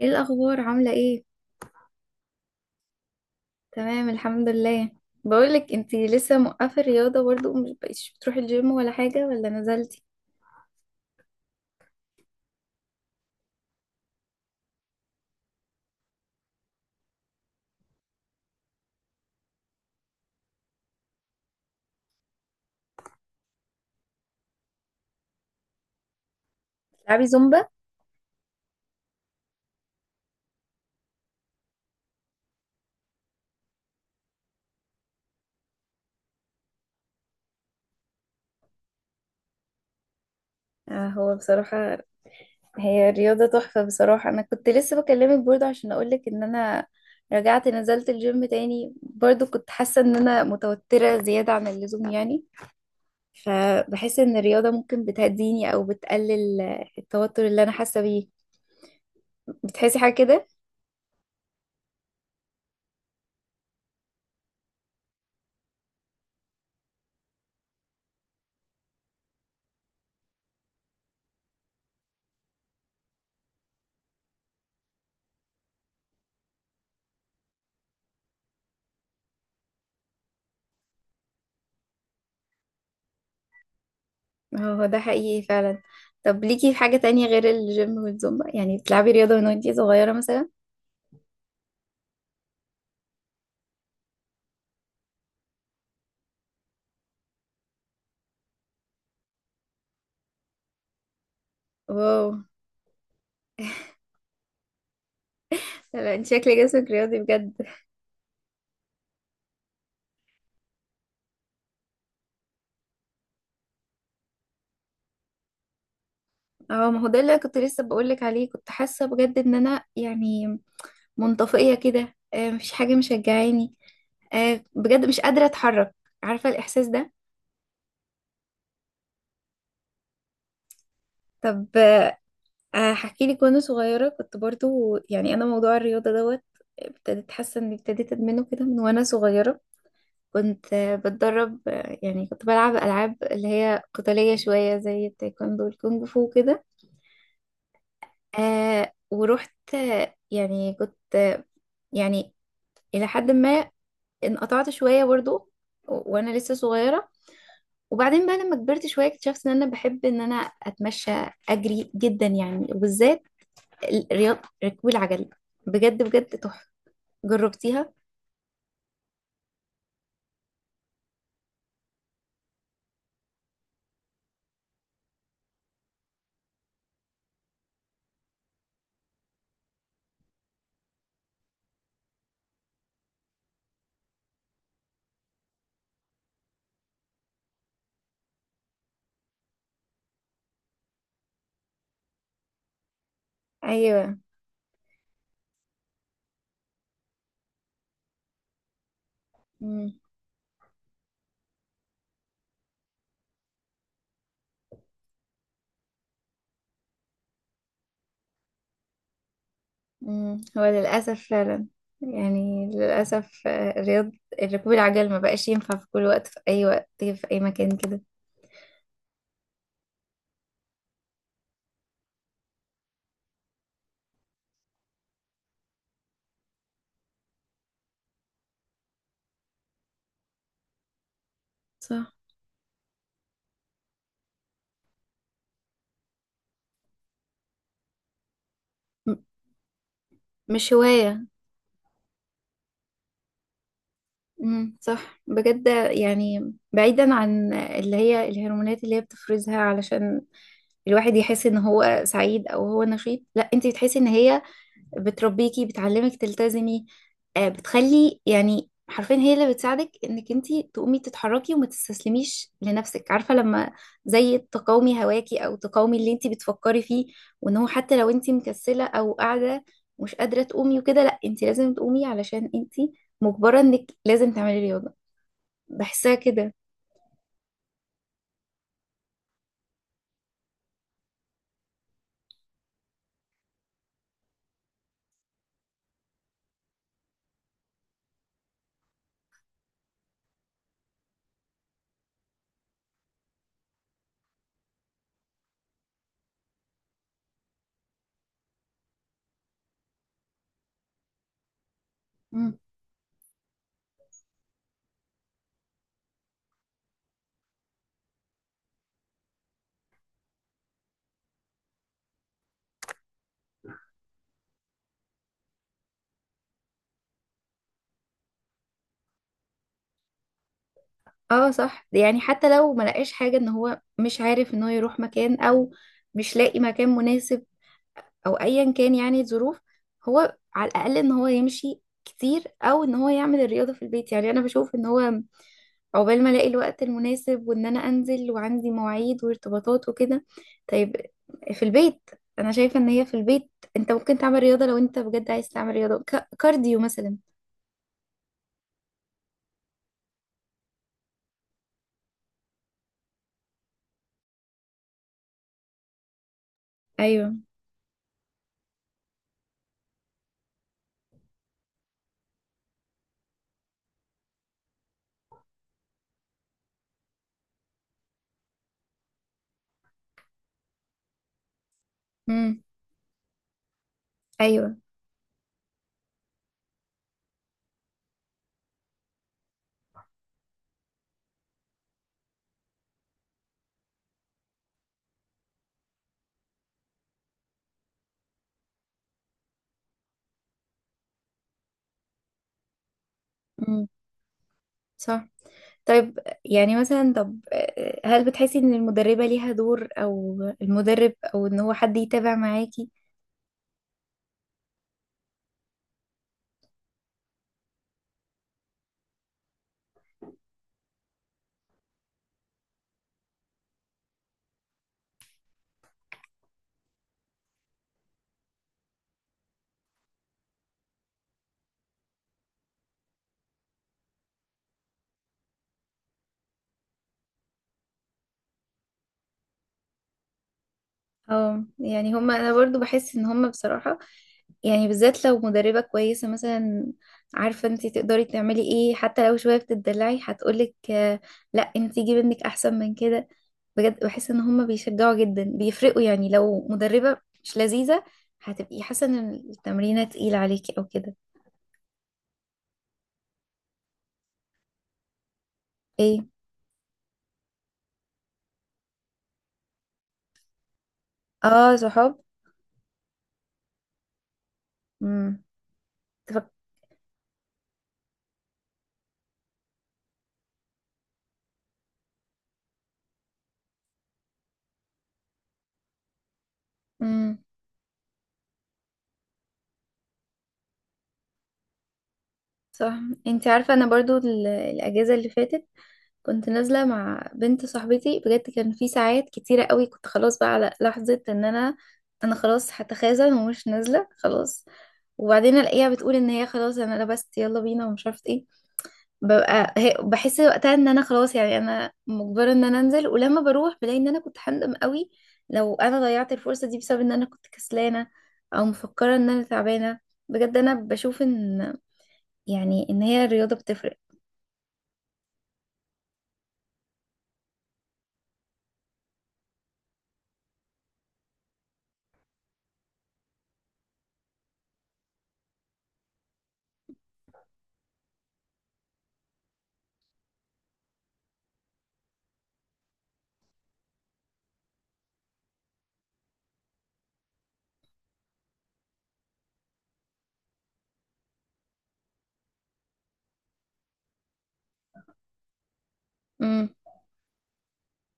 ايه الاخبار؟ عامله ايه؟ تمام الحمد لله. بقولك انتي لسه موقفه الرياضه برضو، مش بقيتش بتروحي الجيم ولا حاجه ولا نزلتي؟ تلعبي زومبا؟ آه. هو بصراحه هي الرياضه تحفه بصراحه. انا كنت لسه بكلمك برضو عشان اقولك ان انا رجعت نزلت الجيم تاني برضو، كنت حاسه ان انا متوتره زياده عن اللزوم يعني، فبحس ان الرياضه ممكن بتهديني او بتقلل التوتر اللي انا حاسه بيه. بتحسي حاجه كده؟ هو ده حقيقي فعلا. طب ليكي في حاجة تانية غير الجيم والزومبا؟ يعني بتلعبي رياضة من وانتي صغيرة مثلا؟ واو. لا، انت شكل جسمك رياضي بجد. اه، ما هو ده اللي كنت لسه بقولك عليه، كنت حاسة بجد ان انا يعني منطفئة كده، مفيش حاجة مشجعاني، بجد مش قادرة اتحرك. عارفة الإحساس ده؟ طب هحكي لك. وانا صغيرة كنت برضو يعني انا موضوع الرياضة دوت ابتديت حاسة اني ابتديت ادمنه كده من وانا صغيرة. كنت بتدرب، يعني كنت بلعب ألعاب اللي هي قتالية شوية زي التايكوندو والكونغ فو كده. آه، ورحت، يعني كنت، يعني إلى حد ما انقطعت شوية برضو. وأنا لسه صغيرة. وبعدين بقى لما كبرت شوية اكتشفت إن أنا بحب إن أنا أتمشى، أجري جدا يعني، وبالذات رياضة ركوب العجل. بجد بجد تحفة. جربتيها؟ أيوة. مم. مم. هو للأسف فعلا. يعني للأسف، آه، الرياض ركوب العجل ما بقاش ينفع في كل وقت، في أي وقت في أي مكان كده. صح. م- مش هواية. مم. صح بجد، يعني بعيدا عن اللي هي الهرمونات اللي هي بتفرزها علشان الواحد يحس ان هو سعيد او هو نشيط، لا، انت بتحسي ان هي بتربيكي، بتعلمك تلتزمي، بتخلي، يعني حرفيا هي اللي بتساعدك انك انتي تقومي تتحركي وما تستسلميش لنفسك. عارفة لما زي تقاومي هواكي او تقاومي اللي انتي بتفكري فيه، وان هو حتى لو انتي مكسلة او قاعدة مش قادرة تقومي وكده، لا، انتي لازم تقومي علشان انتي مجبرة انك لازم تعملي رياضة. بحسها كده. مم. اه، صح. يعني حتى لو ما لقاش حاجة ان هو مش عارف ان هو يروح مكان او مش لاقي مكان مناسب او ايا كان يعني الظروف، هو على الاقل ان هو يمشي كتير او ان هو يعمل الرياضه في البيت. يعني انا بشوف ان هو، عقبال ما الاقي الوقت المناسب وان انا انزل وعندي مواعيد وارتباطات وكده، طيب، في البيت، انا شايفه ان هي في البيت انت ممكن تعمل رياضه لو انت بجد عايز تعمل رياضه، كارديو مثلا. ايوه. امم. ايوه. امم. صح. طيب، يعني مثلا، طب هل بتحسي ان المدربه ليها دور او المدرب او ان هو حد يتابع معاكي؟ اه، يعني هما، انا برضو بحس ان هما بصراحة، يعني بالذات لو مدربة كويسة مثلا، عارفة انتي تقدري تعملي ايه، حتى لو شوية بتدلعي هتقولك، لا، انتي جيبي ابنك احسن من كده. بجد بحس ان هما بيشجعوا جدا، بيفرقوا. يعني لو مدربة مش لذيذة هتبقي حاسة ان التمرينة تقيلة عليكي او كده. ايه. اه، صحاب. امم. تفك... امم. صح. انتي عارفة، انا برضو الاجازة اللي فاتت كنت نازلة مع بنت صاحبتي. بجد كان في ساعات كتيرة قوي كنت خلاص بقى على لحظة ان انا، خلاص هتخاذل ومش نازلة خلاص، وبعدين الاقيها بتقول ان هي خلاص انا لبست يلا بينا ومش عارفة ايه. بحس وقتها ان انا خلاص، يعني انا مجبرة ان انا انزل، ولما بروح بلاقي ان انا كنت هندم قوي لو انا ضيعت الفرصة دي بسبب ان انا كنت كسلانة او مفكرة ان انا تعبانة. بجد انا بشوف ان، يعني ان هي الرياضة بتفرق. امم.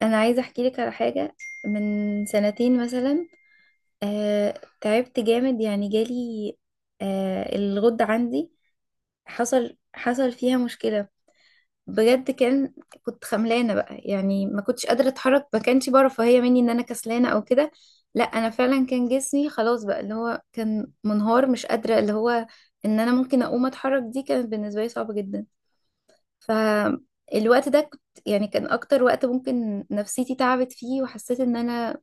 انا عايزه احكي لك على حاجه. من سنتين مثلا، تعبت جامد، يعني جالي الغدة عندي، حصل فيها مشكلة بجد. كنت خملانة بقى، يعني ما كنتش قادرة اتحرك. ما كانش بقى رفاهية مني ان انا كسلانة او كده، لا، انا فعلا كان جسمي خلاص بقى اللي هو كان منهار. مش قادرة اللي هو ان انا ممكن اقوم اتحرك، دي كانت بالنسبة لي صعبة جدا. فالوقت ده كنت، يعني كان اكتر وقت ممكن نفسيتي تعبت فيه وحسيت ان انا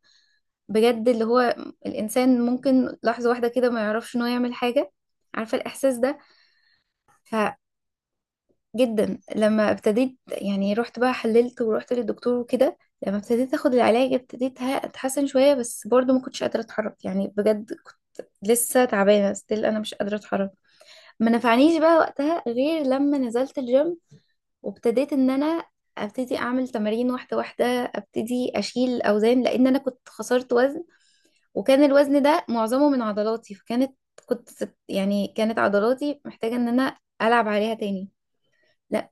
بجد اللي هو الإنسان ممكن لحظة واحدة كده ما يعرفش إن هو يعمل حاجة. عارفة الإحساس ده؟ فجدا لما ابتديت، يعني رحت بقى حللت ورحت للدكتور وكده، لما ابتديت أخد العلاج ابتديت أتحسن شوية، بس برضو ما كنتش قادرة أتحرك. يعني بجد كنت لسه تعبانة ستيل، أنا مش قادرة أتحرك. ما نفعنيش بقى وقتها غير لما نزلت الجيم، وابتديت إن أنا ابتدي اعمل تمارين واحده واحده، ابتدي اشيل اوزان لان انا كنت خسرت وزن، وكان الوزن ده معظمه من عضلاتي. كنت يعني كانت عضلاتي محتاجة ان انا العب عليها تاني. لا.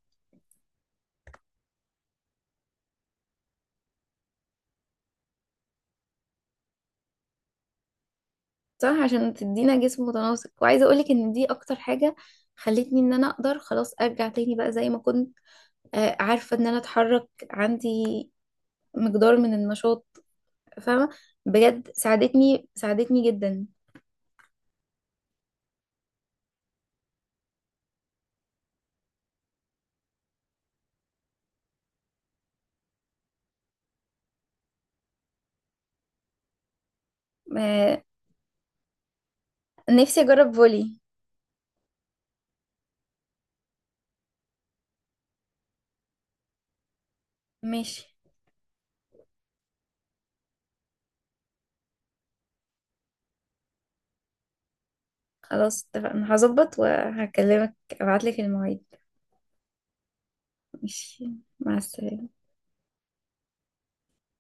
صح، عشان تدينا جسم متناسق. وعايزة اقولك ان دي اكتر حاجة خلتني ان انا اقدر خلاص ارجع تاني بقى زي ما كنت، عارفة ان انا اتحرك عندي مقدار من النشاط. فاهمة؟ بجد ساعدتني ساعدتني جدا. آه، نفسي اجرب فولي. ماشي. خلاص اتفقنا، هظبط وهكلمك، ابعتلك المواعيد. ماشي. مع السلامة.